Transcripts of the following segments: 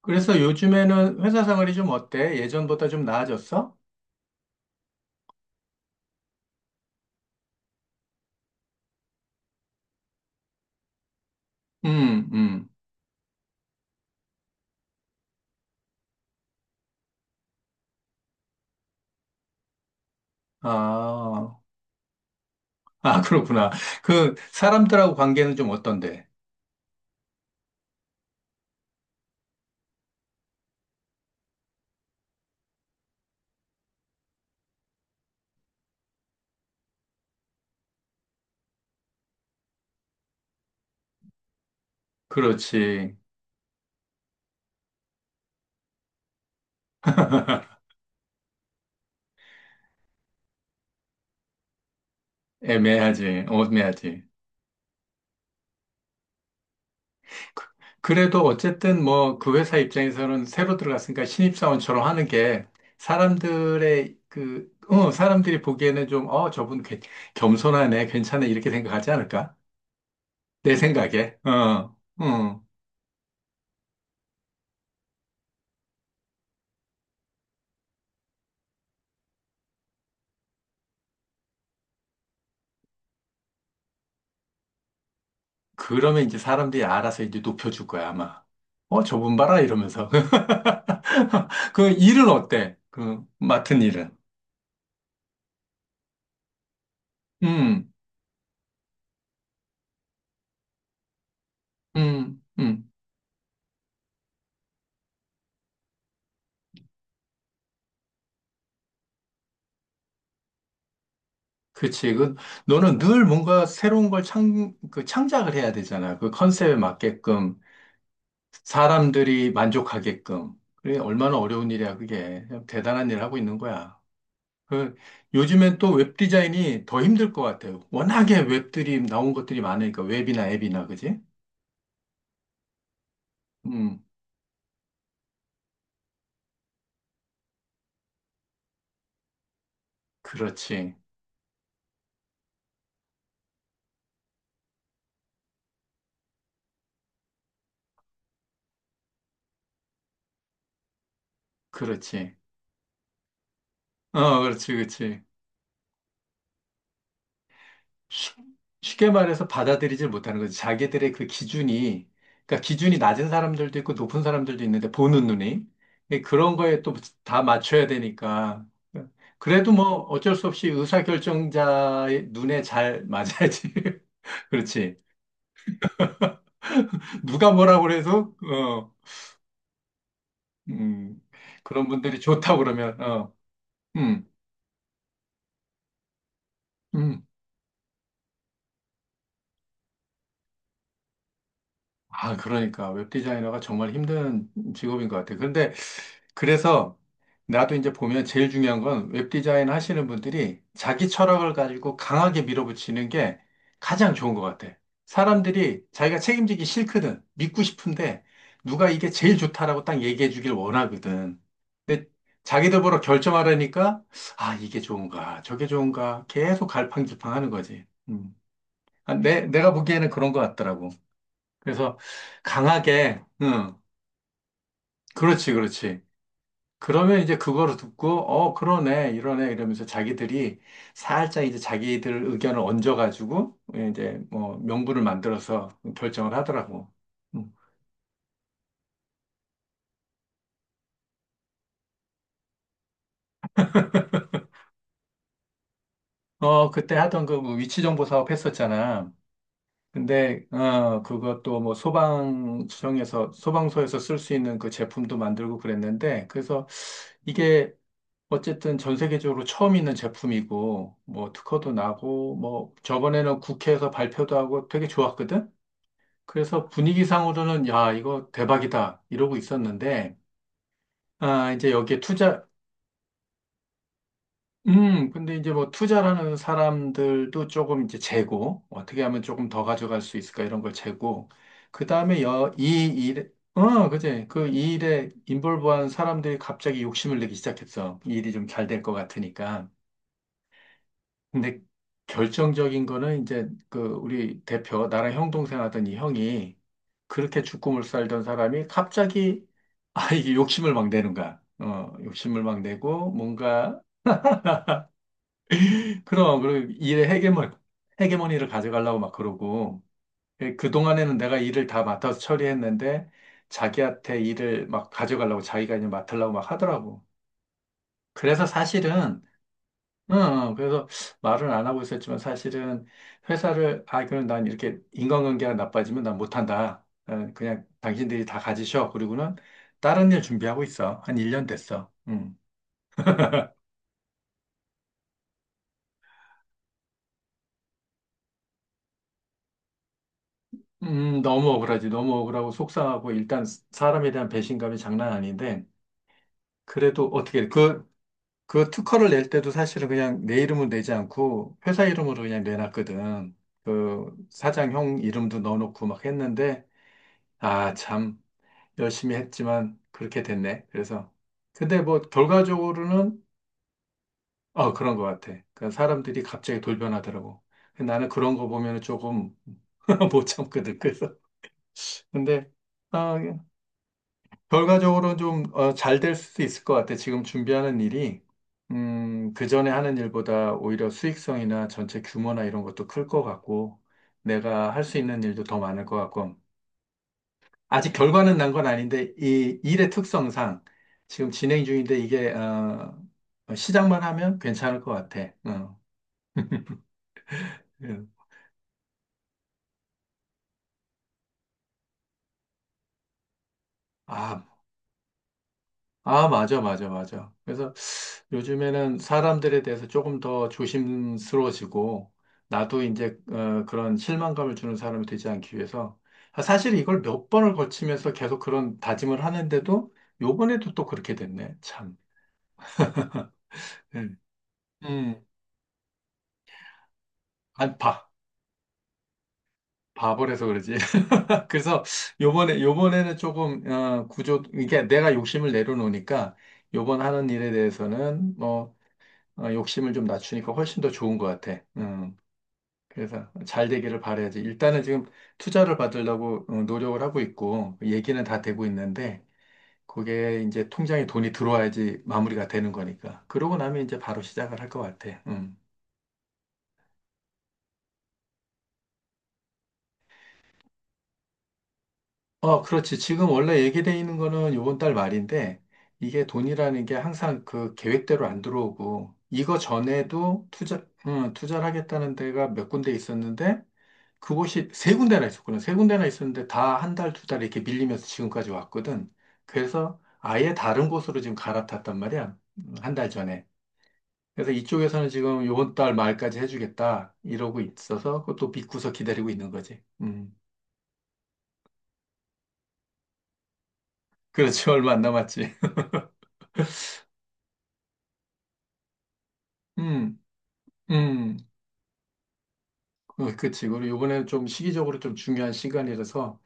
그래서 요즘에는 회사 생활이 좀 어때? 예전보다 좀 나아졌어? 음, 음. 아, 아, 그렇구나. 그, 사람들하고 관계는 좀 어떤데? 그렇지. 애매하지. 애매하지. 그- 그래도 어쨌든 뭐 그 회사 입장에서는 새로 들어갔으니까 신입사원처럼 하는 게 사람들의 그, 어, 사람들이 보기에는 좀, 어, 저분 괜- 겸손하네, 괜찮네, 이렇게 생각하지 않을까? 내 생각에. 어, 어. 그러면 이제 사람들이 알아서 이제 높여줄 거야, 아마. 어, 저분 봐라, 이러면서. 그 일은 어때? 그 맡은 일은. 음, 음, 음. 그치. 그, 너는 늘 뭔가 새로운 걸 창, 그 창작을 해야 되잖아. 그 컨셉에 맞게끔, 사람들이 만족하게끔. 그래, 얼마나 어려운 일이야, 그게. 그냥 대단한 일을 하고 있는 거야. 그, 요즘엔 또 웹 디자인이 더 힘들 것 같아요. 워낙에 웹들이 나온 것들이 많으니까, 웹이나 앱이나, 그지? 음, 그렇지. 그렇지. 어, 그렇지, 그렇지. 쉽- 쉽게 말해서 받아들이질 못하는 거지. 자기들의 그 기준이, 그러니까 기준이 낮은 사람들도 있고 높은 사람들도 있는데 보는 눈이 예, 그런 거에 또 다 맞춰야 되니까. 그래도 뭐 어쩔 수 없이 의사결정자의 눈에 잘 맞아야지. 그렇지. 누가 뭐라고 그래서, 어, 음, 그런 분들이 좋다고 그러면, 어, 음, 음. 아, 그러니까 웹 디자이너가 정말 힘든 직업인 것 같아요. 그런데 그래서 나도 이제 보면 제일 중요한 건 웹 디자인 하시는 분들이 자기 철학을 가지고 강하게 밀어붙이는 게 가장 좋은 것 같아. 사람들이 자기가 책임지기 싫거든. 믿고 싶은데 누가 이게 제일 좋다라고 딱 얘기해 주길 원하거든. 근데 자기들 보러 결정하려니까 아, 이게 좋은가, 저게 좋은가 계속 갈팡질팡 하는 거지. 음. 아, 내가 보기에는 그런 것 같더라고. 그래서 강하게, 응, 그렇지, 그렇지. 그러면 이제 그거를 듣고, 어, 그러네, 이러네, 이러면서 자기들이 살짝 이제 자기들 의견을 얹어가지고, 예, 이제 뭐 명분을 만들어서 결정을 하더라고. 응. 어, 그때 하던 그뭐 위치 정보 사업 했었잖아. 근데, 어, 그것도 뭐 소방청에서, 소방서에서 쓸 수 있는 그 제품도 만들고 그랬는데, 그래서 이게 어쨌든 전 세계적으로 처음 있는 제품이고, 뭐 특허도 나고, 뭐 저번에는 국회에서 발표도 하고 되게 좋았거든? 그래서 분위기상으로는 야, 이거 대박이다. 이러고 있었는데, 아, 이제 여기에 투자, 근데 이제 뭐 투자라는 사람들도 조금 이제 재고, 어떻게 하면 조금 더 가져갈 수 있을까 이런 걸 재고, 그 다음에 여, 이 일에, 어, 그지? 그 이 일에 인볼브한 사람들이 갑자기 욕심을 내기 시작했어. 이 일이 좀 잘 될 것 같으니까. 근데 결정적인 거는 이제 그 우리 대표, 나랑 형 동생 하던 이 형이 그렇게 죽고 물 살던 사람이 갑자기 아, 이게 욕심을 막 내는 거야. 어, 욕심을 막 내고 뭔가 그럼 그리고 일의 헤게모니를 가져가려고 막 그러고 예, 그동안에는 내가 일을 다 맡아서 처리했는데 자기한테 일을 막 가져가려고 자기가 이제 맡으려고 막 하더라고. 그래서 사실은 응, 그래서 말은 안 하고 있었지만 사실은 회사를, 아, 그럼 난 이렇게 인간관계가 나빠지면 난 못한다. 어, 그냥 당신들이 다 가지셔. 그리고는 다른 일 준비하고 있어. 한 1년 됐어. 음. 너무 억울하지. 너무 억울하고 속상하고 일단 사람에 대한 배신감이 장난 아닌데 그래도 어떻게, 그, 그 특허를 낼 때도 사실은 그냥 내 이름은 내지 않고 회사 이름으로 그냥 내놨거든. 그 사장 형 이름도 넣어놓고 막 했는데 아, 참. 열심히 했지만 그렇게 됐네. 그래서 근데 뭐 결과적으로는 어 그런 것 같아. 그러니까 사람들이 갑자기 돌변하더라고. 근데 나는 그런 거 보면 은 조금 못 참거든. 그래서 근데 어, 결과적으로 좀 어, 잘될 수도 있을 것 같아. 지금 준비하는 일이 그 전에 하는 일보다 오히려 수익성이나 전체 규모나 이런 것도 클 것 같고 내가 할 수 있는 일도 더 많을 것 같고 아직 결과는 난 건 아닌데 이 일의 특성상 지금 진행 중인데 이게 어, 시작만 하면 괜찮을 것 같아. 어. 예. 아, 아, 맞아, 맞아, 맞아. 그래서 요즘에는 사람들에 대해서 조금 더 조심스러워지고, 나도 이제 어, 그런 실망감을 주는 사람이 되지 않기 위해서, 아, 사실 이걸 몇 번을 거치면서 계속 그런 다짐을 하는데도, 요번에도 또 그렇게 됐네, 참. 음, 음, 안 봐. 바보라서 그러지. 그래서 요번에는 조금 어, 구조 이게 내가 욕심을 내려놓으니까 요번 하는 일에 대해서는 뭐 어, 욕심을 좀 낮추니까 훨씬 더 좋은 것 같아. 그래서 잘 되기를 바라야지. 일단은 지금 투자를 받으려고 어, 노력을 하고 있고 얘기는 다 되고 있는데 그게 이제 통장에 돈이 들어와야지 마무리가 되는 거니까. 그러고 나면 이제 바로 시작을 할 것 같아. 음. 어, 그렇지. 지금 원래 얘기돼 있는 거는 요번 달 말인데, 이게 돈이라는 게 항상 그 계획대로 안 들어오고, 이거 전에도 투자, 투자를 하겠다는 데가 몇 군데 있었는데, 그곳이 세 군데나 있었거든. 세 군데나 있었는데 다 한 달, 두 달 이렇게 밀리면서 지금까지 왔거든. 그래서 아예 다른 곳으로 지금 갈아탔단 말이야. 한달 전에. 그래서 이쪽에서는 지금 요번 달 말까지 해주겠다. 이러고 있어서 그것도 믿고서 기다리고 있는 거지. 음. 그렇지. 얼마 안 남았지. 음. 음. 그치. 그리고 요번에는 좀 시기적으로 좀 중요한 시간이라서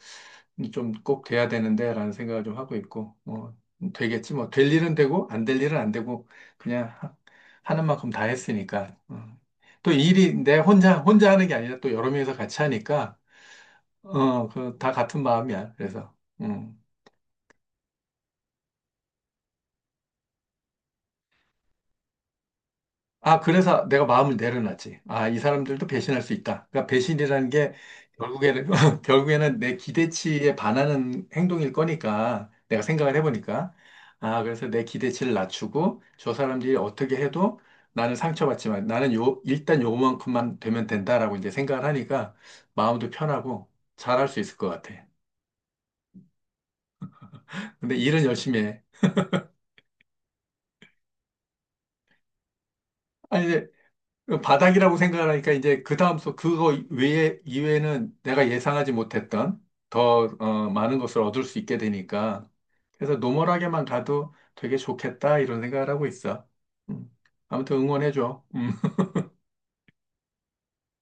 좀 꼭 돼야 되는데라는 생각을 좀 하고 있고, 뭐, 되겠지. 뭐, 될 일은 되고, 안 될 일은 안 되고, 그냥 하는 만큼 다 했으니까. 어. 또 일이 내 혼자, 혼자 하는 게 아니라 또 여러 명이서 같이 하니까, 어, 그, 다 같은 마음이야. 그래서, 음. 아, 그래서 내가 마음을 내려놨지. 아, 이 사람들도 배신할 수 있다. 그러니까 배신이라는 게 결국에는, 결국에는 내 기대치에 반하는 행동일 거니까, 내가 생각을 해보니까. 아, 그래서 내 기대치를 낮추고, 저 사람들이 어떻게 해도 나는 상처받지만, 나는 요, 일단 요만큼만 되면 된다라고 이제 생각을 하니까, 마음도 편하고, 잘할 수 있을 것 같아. 근데 일은 열심히 해. 아니, 그 바닥이라고 생각을 하니까 이제 그 다음 수 그거 외에 이외에는 내가 예상하지 못했던 더 어, 많은 것을 얻을 수 있게 되니까 그래서 노멀하게만 가도 되게 좋겠다 이런 생각을 하고 있어. 음. 아무튼 응원해줘. 음.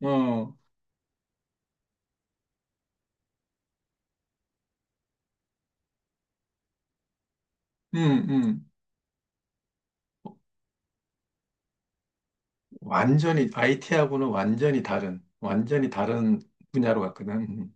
어, 음, 음. 완전히 IT하고는 완전히 다른 분야로 갔거든. 음.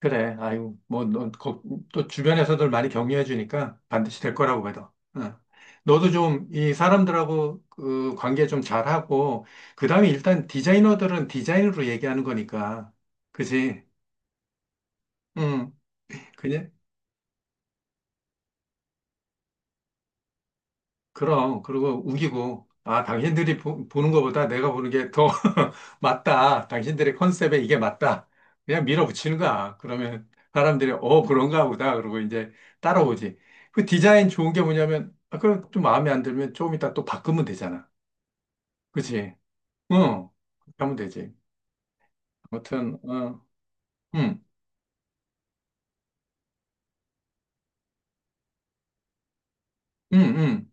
그래. 아유, 뭐, 너, 거- 또 주변에서들 많이 격려해 주니까 반드시 될 거라고 믿어. 응. 너도 좀 이 사람들하고 그 관계 좀 잘하고, 그 다음에 일단 디자이너들은 디자인으로 얘기하는 거니까. 그지? 응. 그럼, 그리고 우기고, 아, 당신들이 보, 는 것보다 내가 보는 게 더 맞다. 당신들의 컨셉에 이게 맞다. 그냥 밀어붙이는 거야. 그러면 사람들이, 어, 그런가 보다. 그러고 이제 따라오지. 그 디자인 좋은 게 뭐냐면, 아, 그럼 좀 마음에 안 들면 조금 이따 또 바꾸면 되잖아. 그치? 응. 그렇게 하면 되지. 아무튼, 어, 응, 응, 응,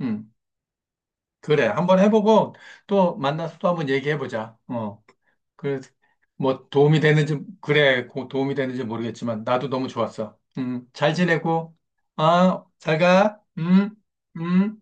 응. 그래. 한번 해보고 또 만나서 또 한번 얘기해보자. 어. 그래서 뭐 도움이 되는지 그래 도움이 되는지 모르겠지만 나도 너무 좋았어. 잘 지내고 아, 잘 가. 음.